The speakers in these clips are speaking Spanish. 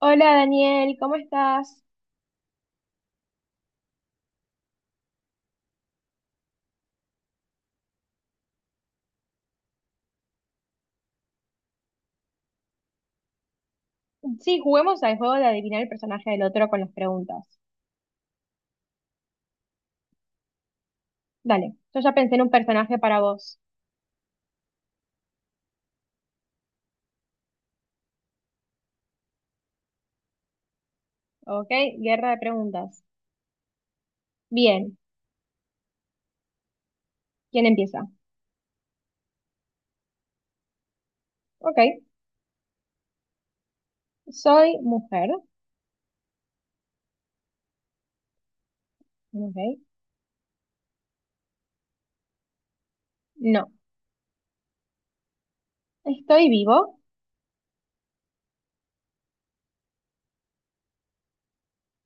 Hola Daniel, ¿cómo estás? Sí, juguemos al juego de adivinar el personaje del otro con las preguntas. Dale, yo ya pensé en un personaje para vos. Ok, guerra de preguntas. Bien, ¿quién empieza? Ok, soy mujer. Ok, no. ¿Estoy vivo?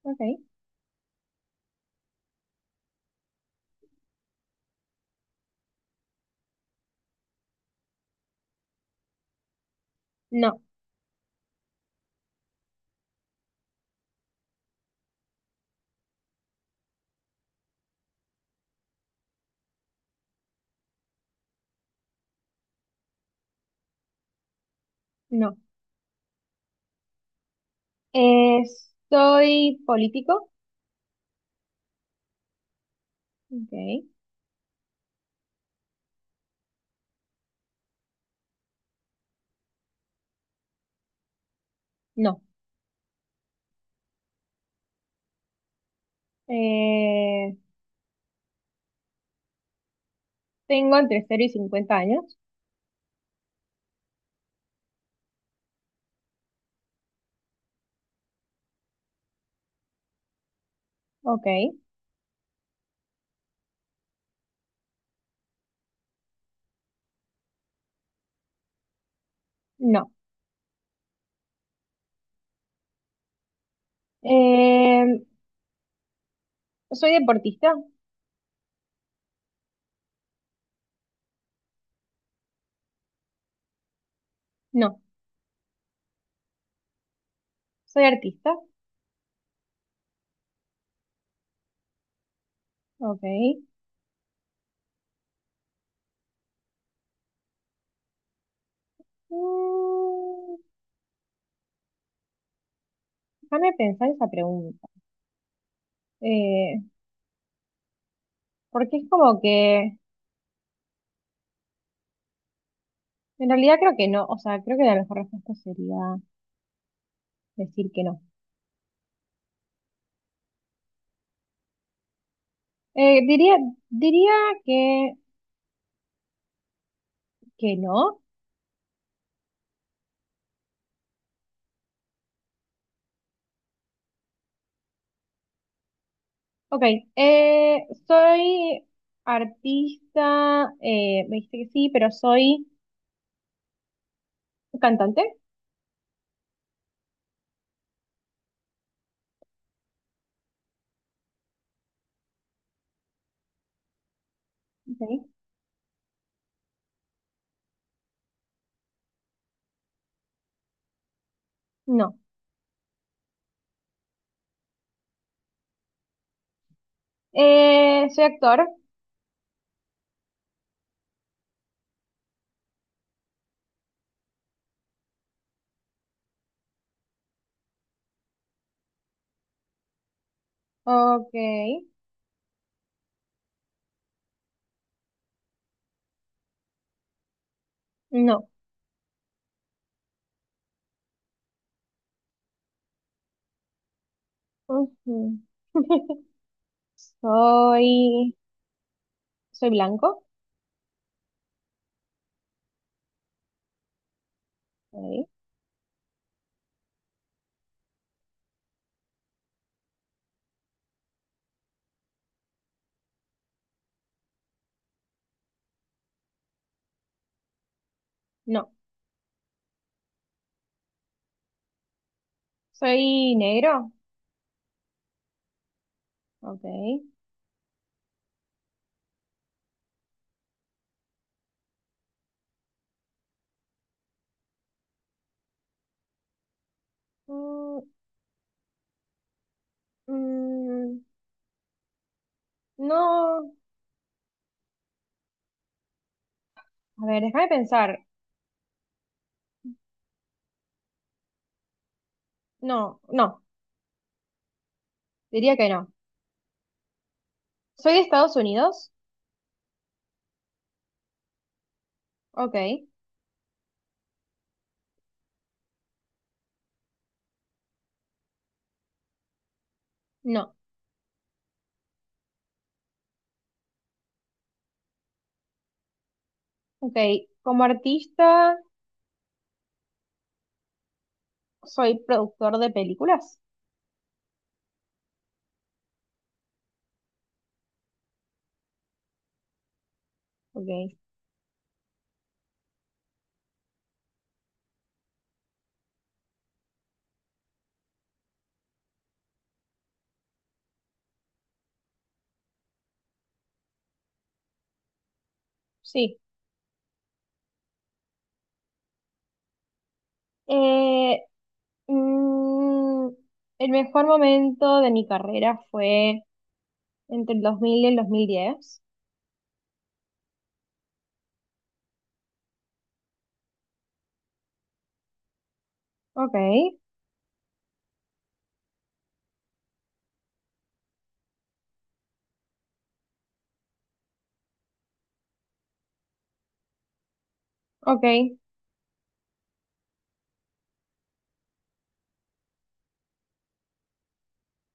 Ok, no, no. Eh, ¿Soy político? Ok, no. Eh, ¿Tengo entre 0 y 50 años? Ok, no. Eh, ¿Soy deportista? No. ¿Soy artista? Ok. Mm, déjame pensar esa pregunta. Eh, porque es como que, en realidad creo que no, o sea, creo que la mejor respuesta sería decir que no. Diría, diría que, que no. Ok, soy artista, me dijiste que sí, pero soy cantante. Ok. No. Soy actor. Ok. No. Ujú. Soy, soy blanco, ok. No, soy negro, ok. Mm, mm, no, a ver, déjame pensar. No, no, diría que no. Soy de Estados Unidos, ok. No, ok. Como artista, soy productor de películas, ok. Sí. Eh, mm, el mejor momento de mi carrera fue entre el 2000 y el 2010 ok. Ok,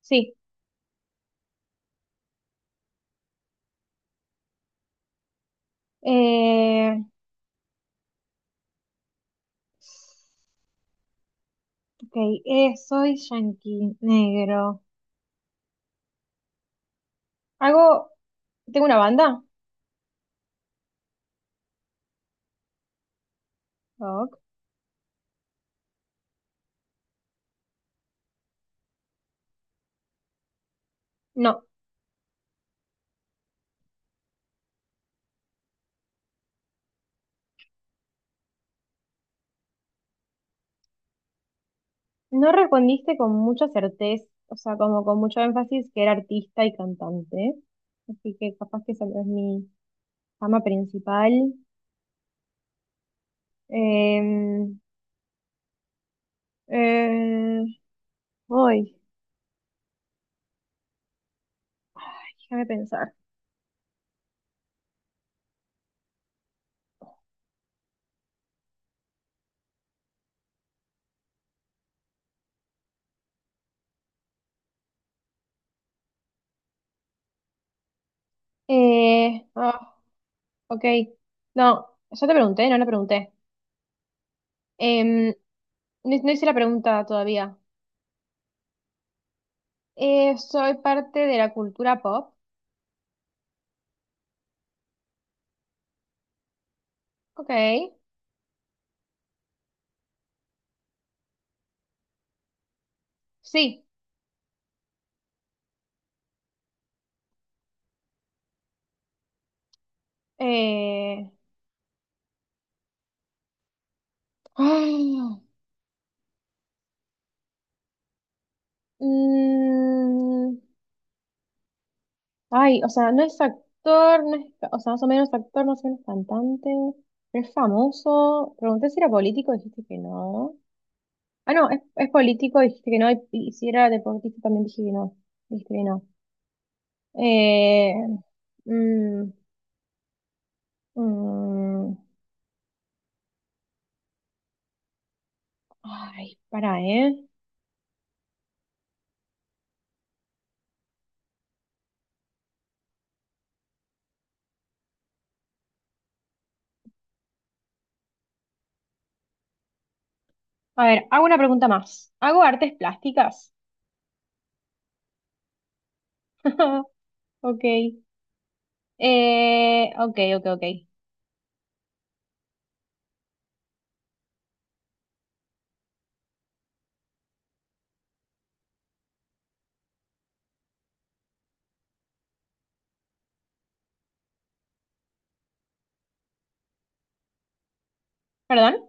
sí. Eh, ok, soy yankee negro. ¿Hago, ¿tengo una banda? Ok. No, no respondiste con mucha certeza, o sea, como con mucho énfasis que era artista y cantante. Así que capaz que esa no es mi fama principal. Em, eh, voy, déjame pensar. Eh, ah, ok, no, ya te pregunté, no le pregunté. Em, no, no hice la pregunta todavía. Soy parte de la cultura pop. Ok. Sí. Eh, ay, mm, o sea, no es actor, no es, o sea, más o menos actor, más o menos cantante. Pero es famoso. Pregunté si era político, dijiste que no. Ah, no, es político, dijiste que no. Y si era deportista, también dije que no. Dijiste que no. Eh, mm, mm, ay, para, ¿eh? A ver, hago una pregunta más. ¿Hago artes plásticas? Ok. Ok, ok, ok. ¿Perdón?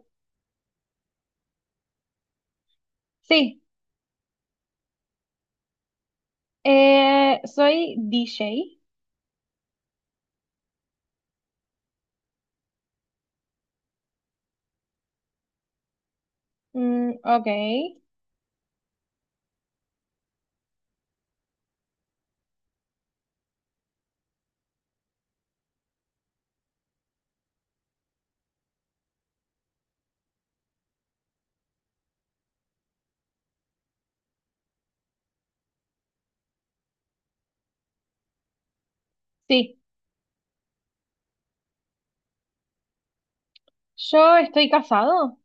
Sí. Soy DJ. Mm, ok. Sí. ¿Yo estoy casado?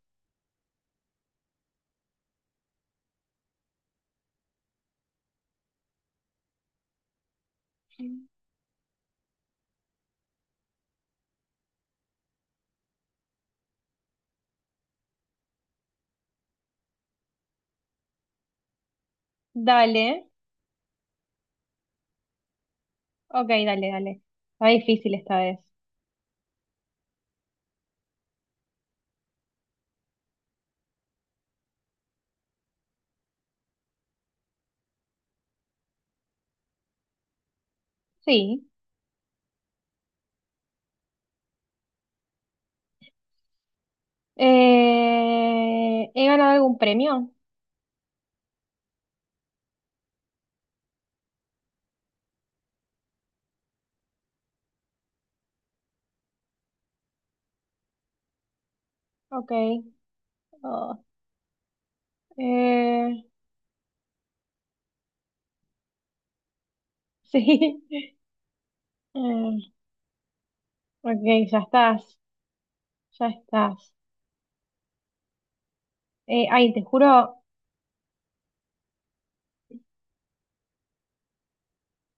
Dale. Ok, dale, dale. Está difícil esta vez. Sí. ¿He ganado algún premio? Ok. Oh, eh, sí. Eh, ok, ya estás. Ya estás. Eh, ay, te juro,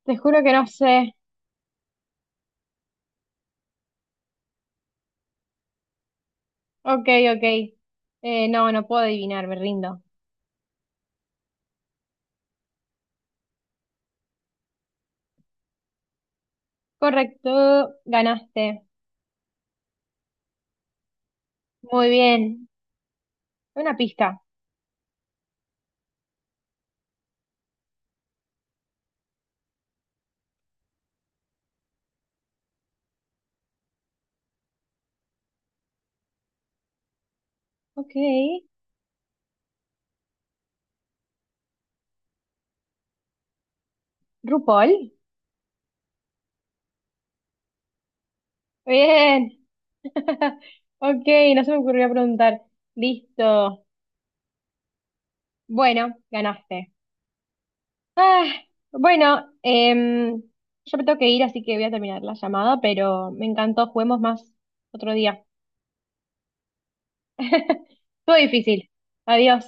te juro que no sé. Ok, ok. No, no puedo adivinar, me rindo. Correcto, ganaste. Muy bien. Una pista. Ok. RuPaul. Bien. Ok, no se me ocurrió preguntar. Listo. Bueno, ganaste. Ah, bueno, yo me tengo que ir, así que voy a terminar la llamada, pero me encantó. Juguemos más otro día. Todo difícil. Adiós.